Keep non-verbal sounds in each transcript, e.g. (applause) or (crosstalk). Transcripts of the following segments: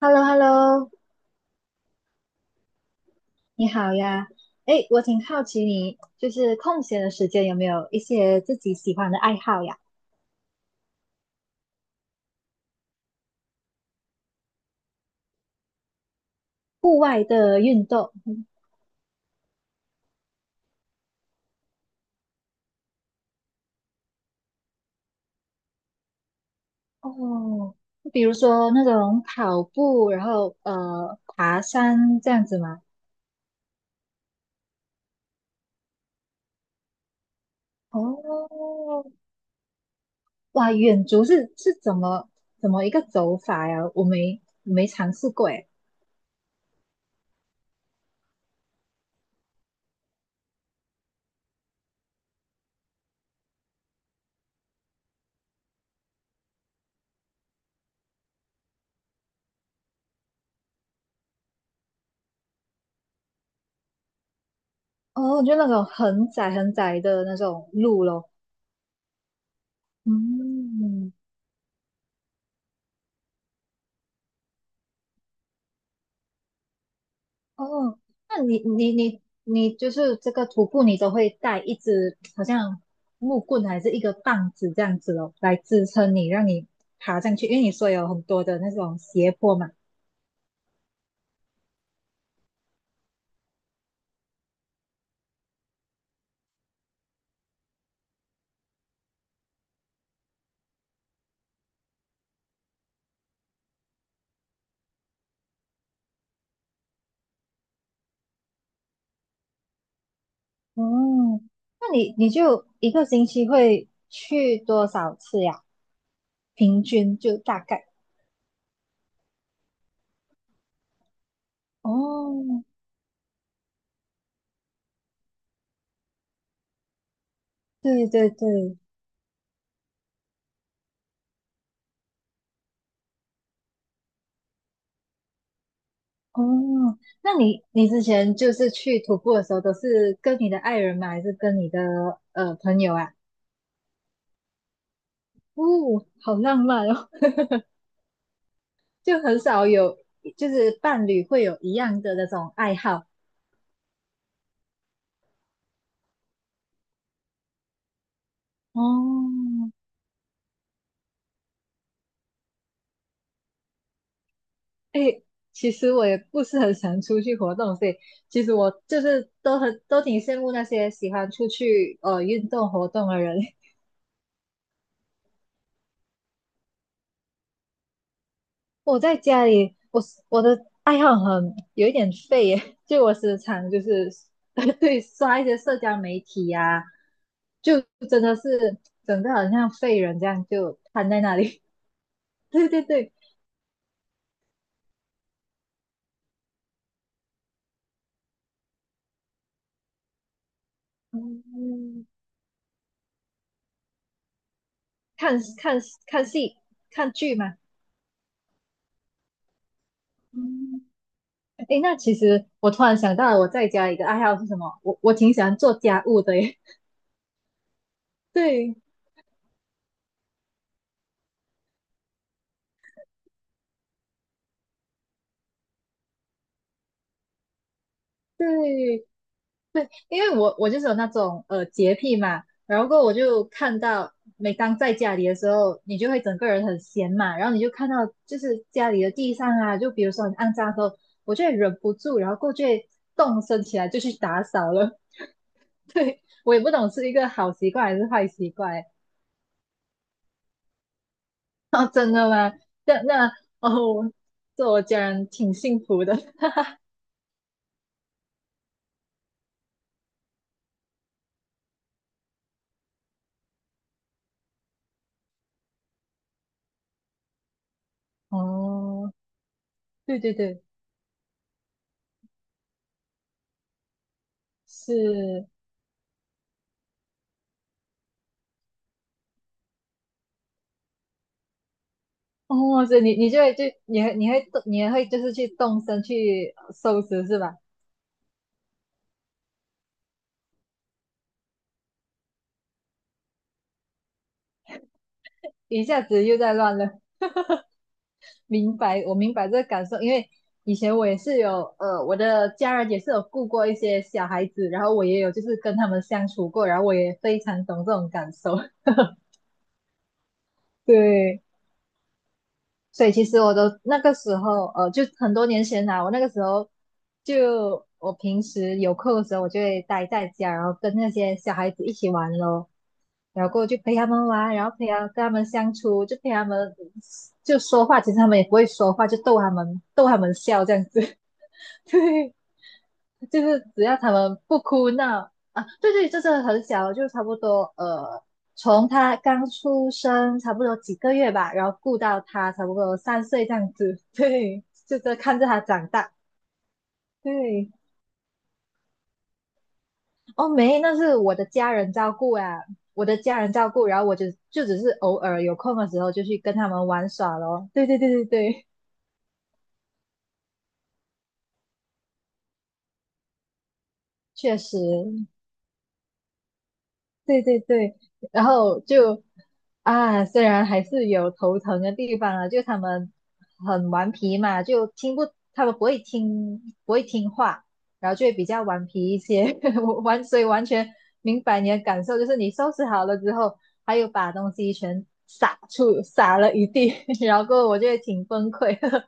Hello hello 你好呀。哎，我挺好奇你就是空闲的时间有没有一些自己喜欢的爱好呀？户外的运动。哦，比如说那种跑步，然后爬山这样子吗？哦，哇，远足是怎么一个走法呀？我没尝试过诶。哦，就那种很窄很窄的那种路咯。嗯，哦，那你就是这个徒步，你都会带一支好像木棍还是一个棒子这样子哦，来支撑你，让你爬上去，因为你说有很多的那种斜坡嘛。哦，那你就一个星期会去多少次呀？平均就大概。哦，对对对，哦，那你之前就是去徒步的时候，都是跟你的爱人吗？还是跟你的朋友啊？哦，好浪漫哦！就很少有，就是伴侣会有一样的那种爱好。哦，哎，其实我也不是很想出去活动，所以其实我就是都很都挺羡慕那些喜欢出去运动活动的人。(laughs) 我在家里，我是我的爱好很有一点废耶，就我时常就是 (laughs) 对刷一些社交媒体呀、就真的是整个好像废人这样就瘫在那里。(laughs) 对对对。嗯，看看看戏、看剧吗？嗯，诶，那其实我突然想到了，我在家一个爱好是什么？我挺喜欢做家务的耶。(laughs) 对对，因为我就是有那种洁癖嘛，然后过后我就看到，每当在家里的时候，你就会整个人很闲嘛，然后你就看到就是家里的地上啊，就比如说很肮脏的时候，我就会忍不住，然后过去动身起来就去打扫了。(laughs) 对，我也不懂是一个好习惯还是坏习惯。(laughs) 哦，真的吗？那那哦，这我家人挺幸福的。(laughs) 哦，对对对，是。哦，所以你就会就你会动，你也会就是去动身去收拾是吧？一下子又在乱了，明白，我明白这个感受，因为以前我也是有我的家人也是有顾过一些小孩子，然后我也有就是跟他们相处过，然后我也非常懂这种感受。(laughs) 对，所以其实我都那个时候，就很多年前啦、我那个时候就我平时有空的时候，我就会待在家，然后跟那些小孩子一起玩咯，然后过后就陪他们玩，然后陪他跟他们相处，就陪他们就说话，其实他们也不会说话，就逗他们笑这样子，(laughs) 对。就是只要他们不哭闹啊，对对，这是很小，就差不多从他刚出生差不多几个月吧，然后顾到他差不多3岁这样子，对，就这看着他长大，对，哦没，那是我的家人照顾啊，我的家人照顾，然后我就就只是偶尔有空的时候就去跟他们玩耍咯，对对对对对，确实，对对对，然后就啊，虽然还是有头疼的地方啊，就他们很顽皮嘛，就听不，他们不会听，不会听话，然后就会比较顽皮一些。(laughs) 我完，所以完全明白你的感受，就是你收拾好了之后，还有把东西全撒出，撒了一地，(laughs) 然后过后我就会挺崩溃的。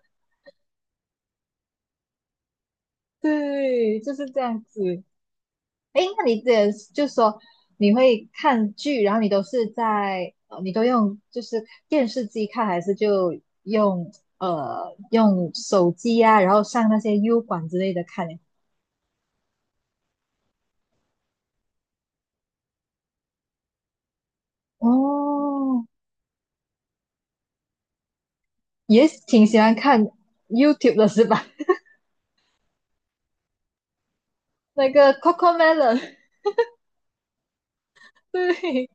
(laughs) 对，就是这样子。哎，那你这就说你会看剧，然后你都是在你都用就是电视机看，还是就用用手机啊，然后上那些 U 管之类的看呢？哦，也挺喜欢看 YouTube 的是吧？(laughs) 那个 Cocomelon,(laughs) 对，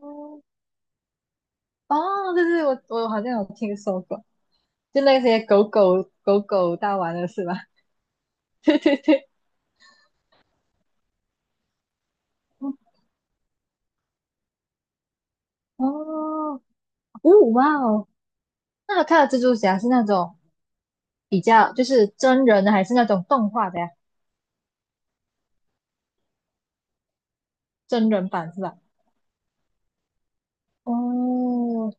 哦，哦对对，我好像有听说过，就那些狗狗大王的是吧？(laughs) 对对对，哦，哦，哇哦，那他看的蜘蛛侠是那种比较就是真人的，还是那种动画的呀？真人版是吧？哦，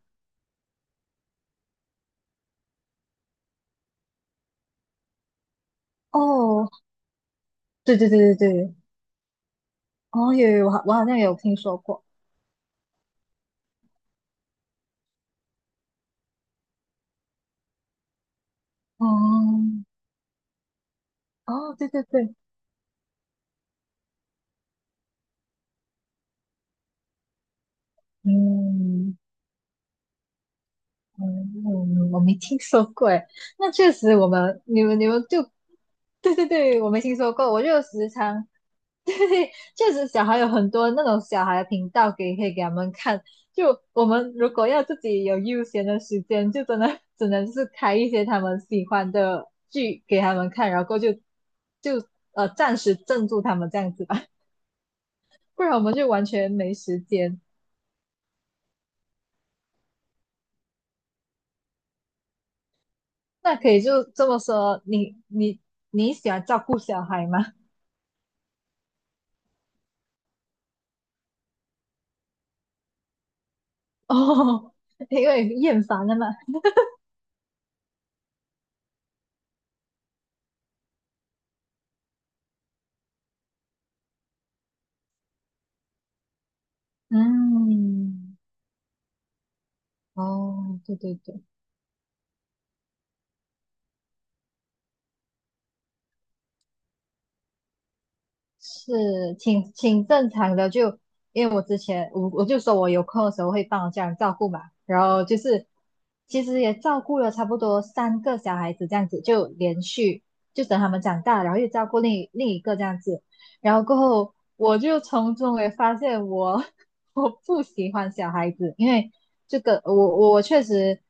哦，对对对对对，哦，有有，我好像有听说过。哦哦，对对对，嗯。嗯，嗯嗯，我没听说过诶。那确实，我们你们就，对对对，我没听说过。我就时常，(laughs) 对，确实小孩有很多那种小孩的频道给可以给他们看。就我们如果要自己有悠闲的时间，就真的只能是开一些他们喜欢的剧给他们看，然后就就暂时镇住他们这样子吧，(laughs) 不然我们就完全没时间。那可以就这么说，你你喜欢照顾小孩吗？(laughs) 哦，因为厌烦了嘛。嗯，哦，对对对，是挺挺正常的。就因为我之前我就说我有空的时候会帮我家人照顾嘛，然后就是其实也照顾了差不多3个小孩子这样子，就连续就等他们长大，然后又照顾另一个这样子，然后过后我就从中也发现我 (laughs) 我不喜欢小孩子，因为。这个我确实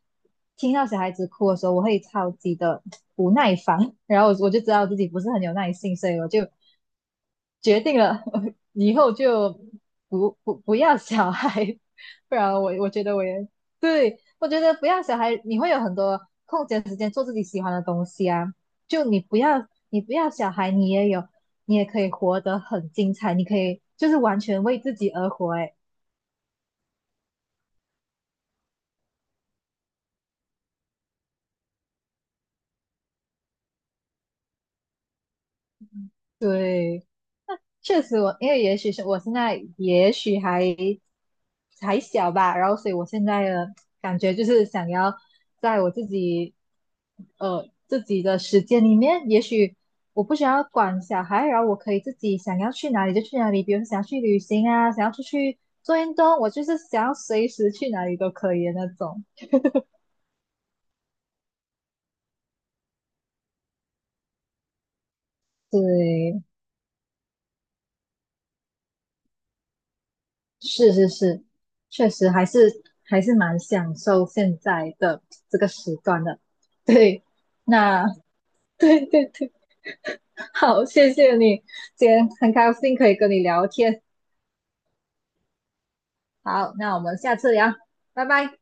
听到小孩子哭的时候，我会超级的不耐烦，然后我就知道自己不是很有耐性，所以我就决定了 (laughs) 以后就不要小孩，不然我觉得我也对，我觉得不要小孩，你会有很多空闲时间做自己喜欢的东西啊。就你不要小孩，你也有你也可以活得很精彩，你可以就是完全为自己而活、对。确实我，因为也许是我现在也许还还小吧，然后所以我现在的感觉就是想要在我自己自己的时间里面，也许我不想要管小孩，然后我可以自己想要去哪里就去哪里，比如说想要去旅行啊，想要出去做运动，我就是想要随时去哪里都可以的那种。对，是是是，确实还是还是蛮享受现在的这个时段的。对，那 (laughs) 对对对 (laughs) 好，谢谢你，今天很高兴可以跟你聊天。好，那我们下次聊，拜拜。